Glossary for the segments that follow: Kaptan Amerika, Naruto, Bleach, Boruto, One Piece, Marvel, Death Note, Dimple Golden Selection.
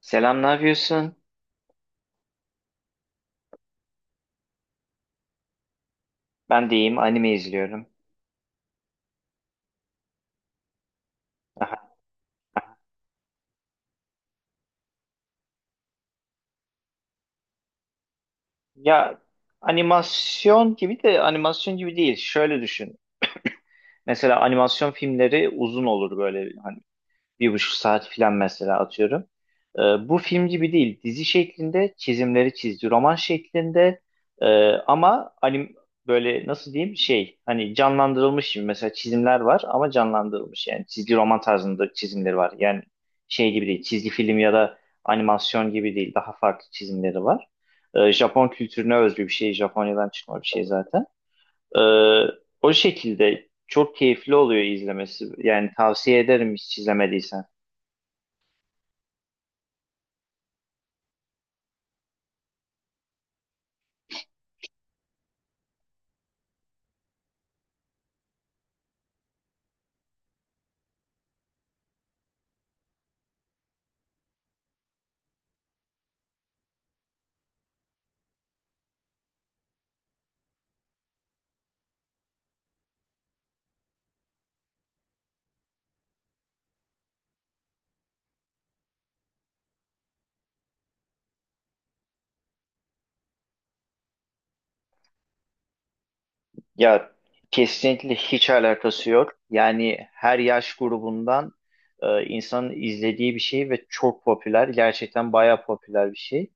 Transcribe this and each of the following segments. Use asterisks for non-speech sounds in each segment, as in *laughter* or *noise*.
Selam, ne yapıyorsun? Ben de iyiyim, anime izliyorum. Aha. Ya animasyon gibi de animasyon gibi değil. Şöyle düşün. *coughs* Mesela animasyon filmleri uzun olur böyle, hani. 1,5 saat filan mesela atıyorum. Ee, Bu film gibi değil. Dizi şeklinde çizimleri çizdi. Roman şeklinde, Ee, ama hani böyle nasıl diyeyim şey hani canlandırılmış gibi mesela çizimler var ama canlandırılmış yani çizgi roman tarzında çizimleri var. Yani şey gibi değil çizgi film ya da animasyon gibi değil daha farklı çizimleri var. Japon kültürüne özgü bir şey, Japonya'dan çıkma bir şey zaten. Ee, O şekilde çok keyifli oluyor izlemesi. Yani tavsiye ederim hiç izlemediysen. Ya kesinlikle hiç alakası yok. Yani her yaş grubundan insanın izlediği bir şey ve çok popüler. Gerçekten bayağı popüler bir şey.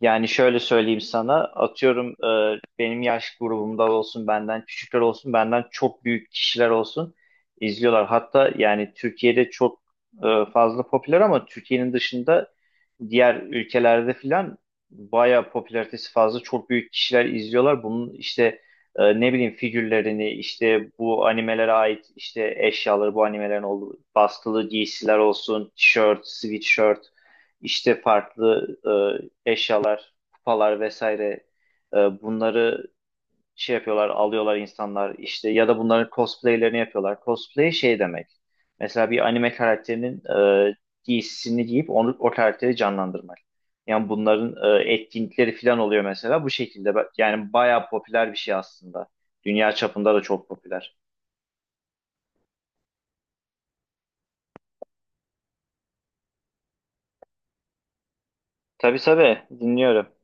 Yani şöyle söyleyeyim sana, atıyorum, benim yaş grubumda olsun, benden küçükler olsun, benden çok büyük kişiler olsun izliyorlar. Hatta yani Türkiye'de çok fazla popüler ama Türkiye'nin dışında diğer ülkelerde filan bayağı popülaritesi fazla, çok büyük kişiler izliyorlar. Bunun işte ne bileyim figürlerini, işte bu animelere ait işte eşyaları, bu animelerin olduğu bastılı giysiler olsun, tişört, sweatshirt, işte farklı eşyalar, kupalar vesaire, bunları şey yapıyorlar, alıyorlar insanlar işte, ya da bunların cosplaylerini yapıyorlar. Cosplay şey demek. Mesela bir anime karakterinin e, giysisini giyip onu, o karakteri canlandırmak. Yani bunların etkinlikleri falan oluyor mesela bu şekilde. Yani bayağı popüler bir şey aslında. Dünya çapında da çok popüler. Tabii tabii, dinliyorum.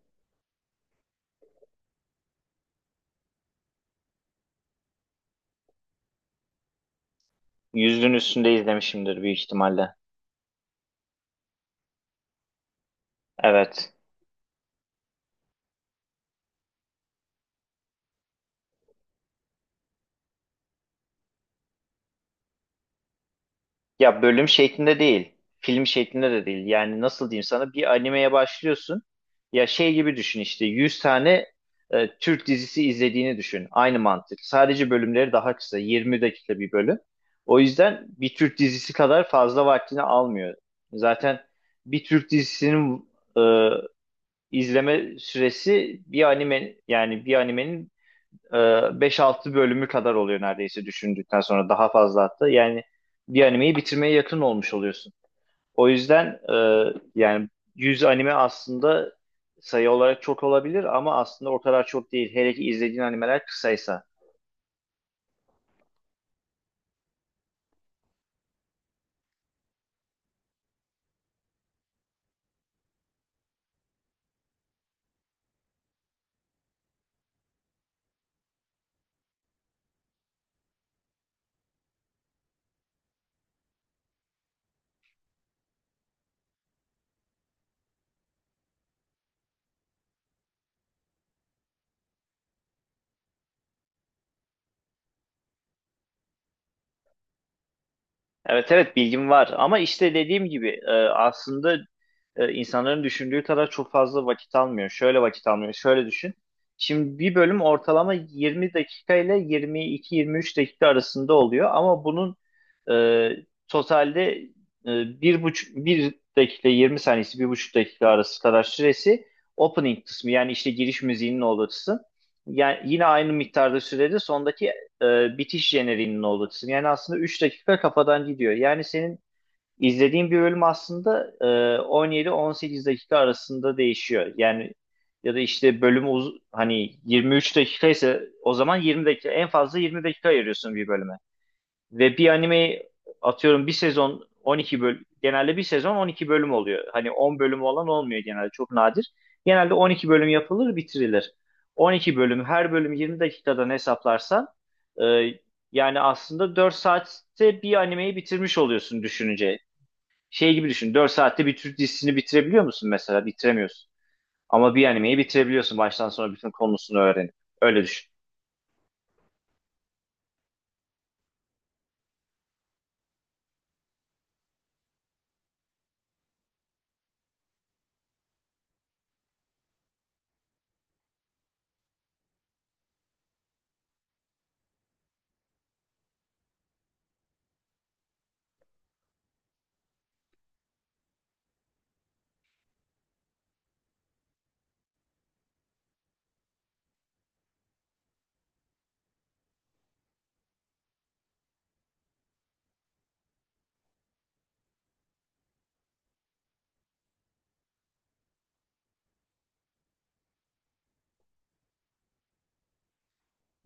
100'ün üstünde izlemişimdir büyük ihtimalle. Evet. Ya bölüm şeklinde değil, film şeklinde de değil. Yani nasıl diyeyim sana, bir animeye başlıyorsun. Ya şey gibi düşün, işte 100 tane Türk dizisi izlediğini düşün. Aynı mantık. Sadece bölümleri daha kısa, 20 dakika bir bölüm. O yüzden bir Türk dizisi kadar fazla vaktini almıyor. Zaten bir Türk dizisinin e, izleme süresi bir anime yani bir animenin 5-6 bölümü kadar oluyor neredeyse, düşündükten sonra daha fazla hatta. Yani bir animeyi bitirmeye yakın olmuş oluyorsun. O yüzden, yani 100 anime aslında sayı olarak çok olabilir ama aslında o kadar çok değil. Hele ki izlediğin animeler kısaysa. Evet evet, bilgim var ama işte dediğim gibi, aslında insanların düşündüğü kadar çok fazla vakit almıyor. Şöyle vakit almıyor. Şöyle düşün. Şimdi bir bölüm ortalama 20 dakika ile 22-23 dakika arasında oluyor ama bunun e, totalde, bir buçuk bir dakika 20 saniyesi 1,5 dakika arası kadar süresi opening kısmı yani işte giriş müziğinin olduğu kısım. Yani yine aynı miktarda sürede sondaki bitiş jeneriğinin olduğu kısım. Yani aslında 3 dakika kafadan gidiyor. Yani senin izlediğin bir bölüm aslında 17-18 dakika arasında değişiyor. Yani ya da işte bölümü hani 23 dakika ise o zaman 20 dakika, en fazla 20 dakika ayırıyorsun bir bölüme. Ve bir anime atıyorum bir sezon 12 bölüm, genelde bir sezon 12 bölüm oluyor. Hani 10 bölüm olan olmuyor genelde, çok nadir. Genelde 12 bölüm yapılır, bitirilir. 12 bölüm, her bölüm 20 dakikadan hesaplarsan, e, yani aslında 4 saatte bir animeyi bitirmiş oluyorsun düşününce. Şey gibi düşün, 4 saatte bir Türk dizisini bitirebiliyor musun mesela? Bitiremiyorsun. Ama bir animeyi bitirebiliyorsun baştan sona bütün konusunu öğrenip. Öyle düşün.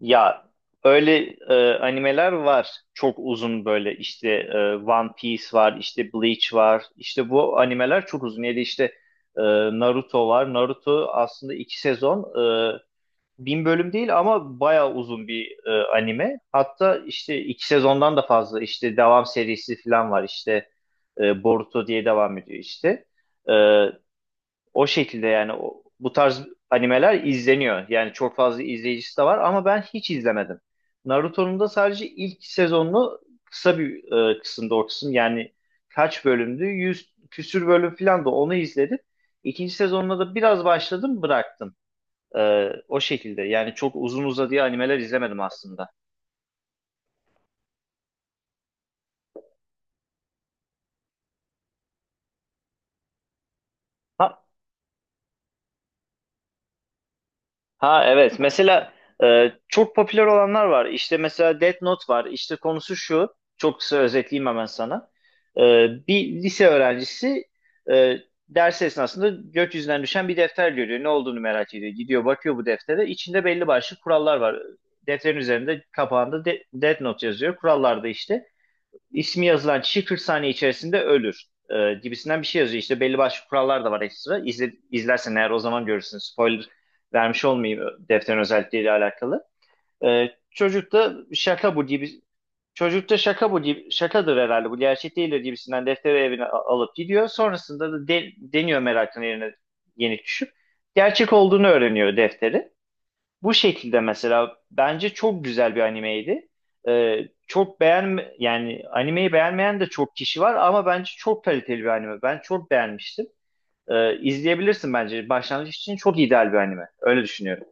Ya öyle animeler var. Çok uzun böyle, işte One Piece var, işte Bleach var. İşte bu animeler çok uzun. Ya da işte e, Naruto var. Naruto aslında 2 sezon. e, bin bölüm değil ama bayağı uzun bir anime. Hatta işte 2 sezondan da fazla, işte devam serisi falan var. İşte Boruto diye devam ediyor işte. E, O şekilde yani bu tarz animeler izleniyor. Yani çok fazla izleyicisi de var ama ben hiç izlemedim. Naruto'nun da sadece ilk sezonunu, kısa bir kısımda, o kısım yani kaç bölümdü? 100 küsür bölüm falan, da onu izledim. İkinci sezonuna da biraz başladım, bıraktım. O şekilde yani çok uzun uzadıya animeler izlemedim aslında. Ha, ha, evet, mesela çok popüler olanlar var. İşte mesela Death Note var. İşte konusu şu. Çok kısa özetleyeyim hemen sana. E, Bir lise öğrencisi e, ders esnasında gökyüzünden düşen bir defter görüyor. Ne olduğunu merak ediyor. Gidiyor, bakıyor bu deftere. İçinde belli başlı kurallar var. Defterin üzerinde, kapağında Death Note yazıyor. Kurallarda işte ismi yazılan kişi 40 saniye içerisinde ölür gibisinden bir şey yazıyor. İşte belli başlı kurallar da var ekstra. İzle, izlersen eğer o zaman görürsün. Spoiler vermiş olmayayım defterin özellikleriyle alakalı. E, çocuk da şaka bu gibi Çocuk da şaka bu gibi, şakadır herhalde, bu gerçek değildir gibisinden defteri evine alıp gidiyor. Sonrasında da deniyor, merakın yerine yenik düşüp gerçek olduğunu öğreniyor defteri. Bu şekilde, mesela bence çok güzel bir animeydi. Çok beğen yani animeyi beğenmeyen de çok kişi var ama bence çok kaliteli bir anime. Ben çok beğenmiştim. İzleyebilirsin bence. Başlangıç için çok ideal bir anime. Öyle düşünüyorum.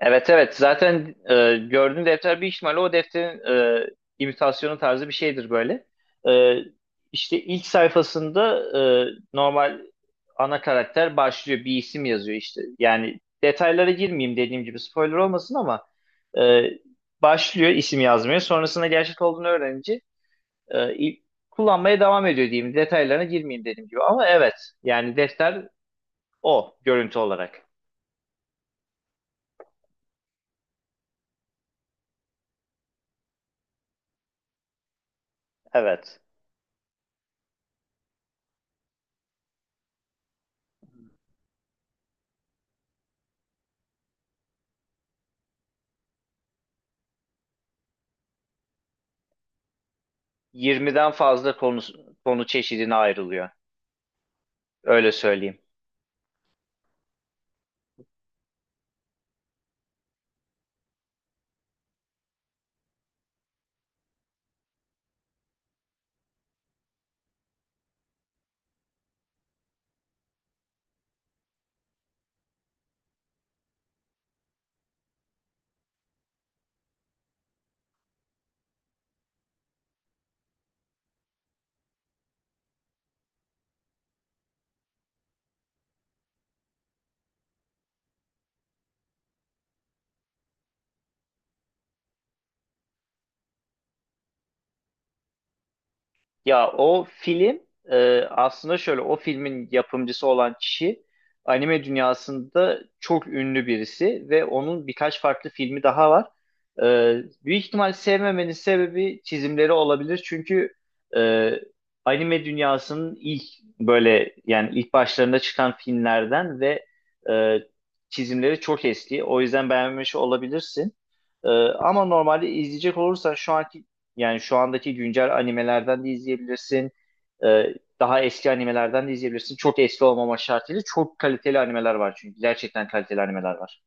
Evet evet, zaten gördüğün defter bir ihtimalle o defterin e, imitasyonu tarzı bir şeydir böyle. E, işte ilk sayfasında normal ana karakter başlıyor bir isim yazıyor işte. Yani detaylara girmeyeyim dediğim gibi, spoiler olmasın ama e, başlıyor isim yazmaya, sonrasında gerçek olduğunu öğrenince, e, il- kullanmaya devam ediyor diyeyim, detaylarına girmeyeyim dediğim gibi, ama evet, yani defter o görüntü olarak, evet. 20'den fazla konu çeşidine ayrılıyor. Öyle söyleyeyim. Ya o film, aslında şöyle, o filmin yapımcısı olan kişi anime dünyasında çok ünlü birisi ve onun birkaç farklı filmi daha var. E, Büyük ihtimal sevmemenin sebebi çizimleri olabilir çünkü e, anime dünyasının ilk, böyle yani ilk başlarında çıkan filmlerden ve e, çizimleri çok eski. O yüzden beğenmemiş olabilirsin. Ama normalde izleyecek olursan şu anki yani şu andaki güncel animelerden de izleyebilirsin. Ee, Daha eski animelerden de izleyebilirsin. Çok eski olmama şartıyla çok kaliteli animeler var çünkü. Gerçekten kaliteli animeler var.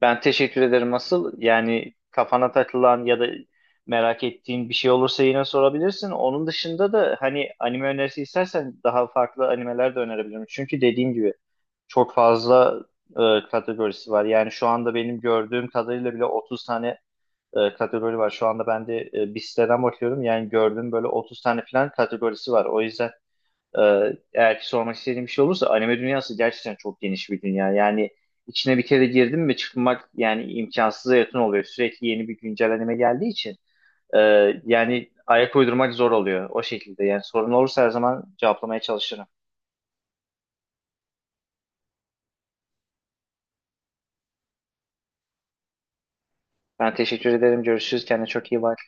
Ben teşekkür ederim asıl. Yani kafana takılan ya da merak ettiğin bir şey olursa yine sorabilirsin. Onun dışında da hani anime önerisi istersen daha farklı animeler de önerebilirim. Çünkü dediğim gibi çok fazla kategorisi var. Yani şu anda benim gördüğüm kadarıyla bile 30 tane kategori var. Şu anda ben de bir siteden bakıyorum. Yani gördüğüm böyle 30 tane falan kategorisi var. O yüzden eğer ki sormak istediğim bir şey olursa anime dünyası gerçekten çok geniş bir dünya. Yani içine bir kere girdim mi çıkmak yani imkansıza yakın oluyor. Sürekli yeni bir güncel anime geldiği için e, yani ayak uydurmak zor oluyor o şekilde. Yani sorun olursa her zaman cevaplamaya çalışırım. Ben teşekkür ederim. Görüşürüz. Kendine çok iyi bak.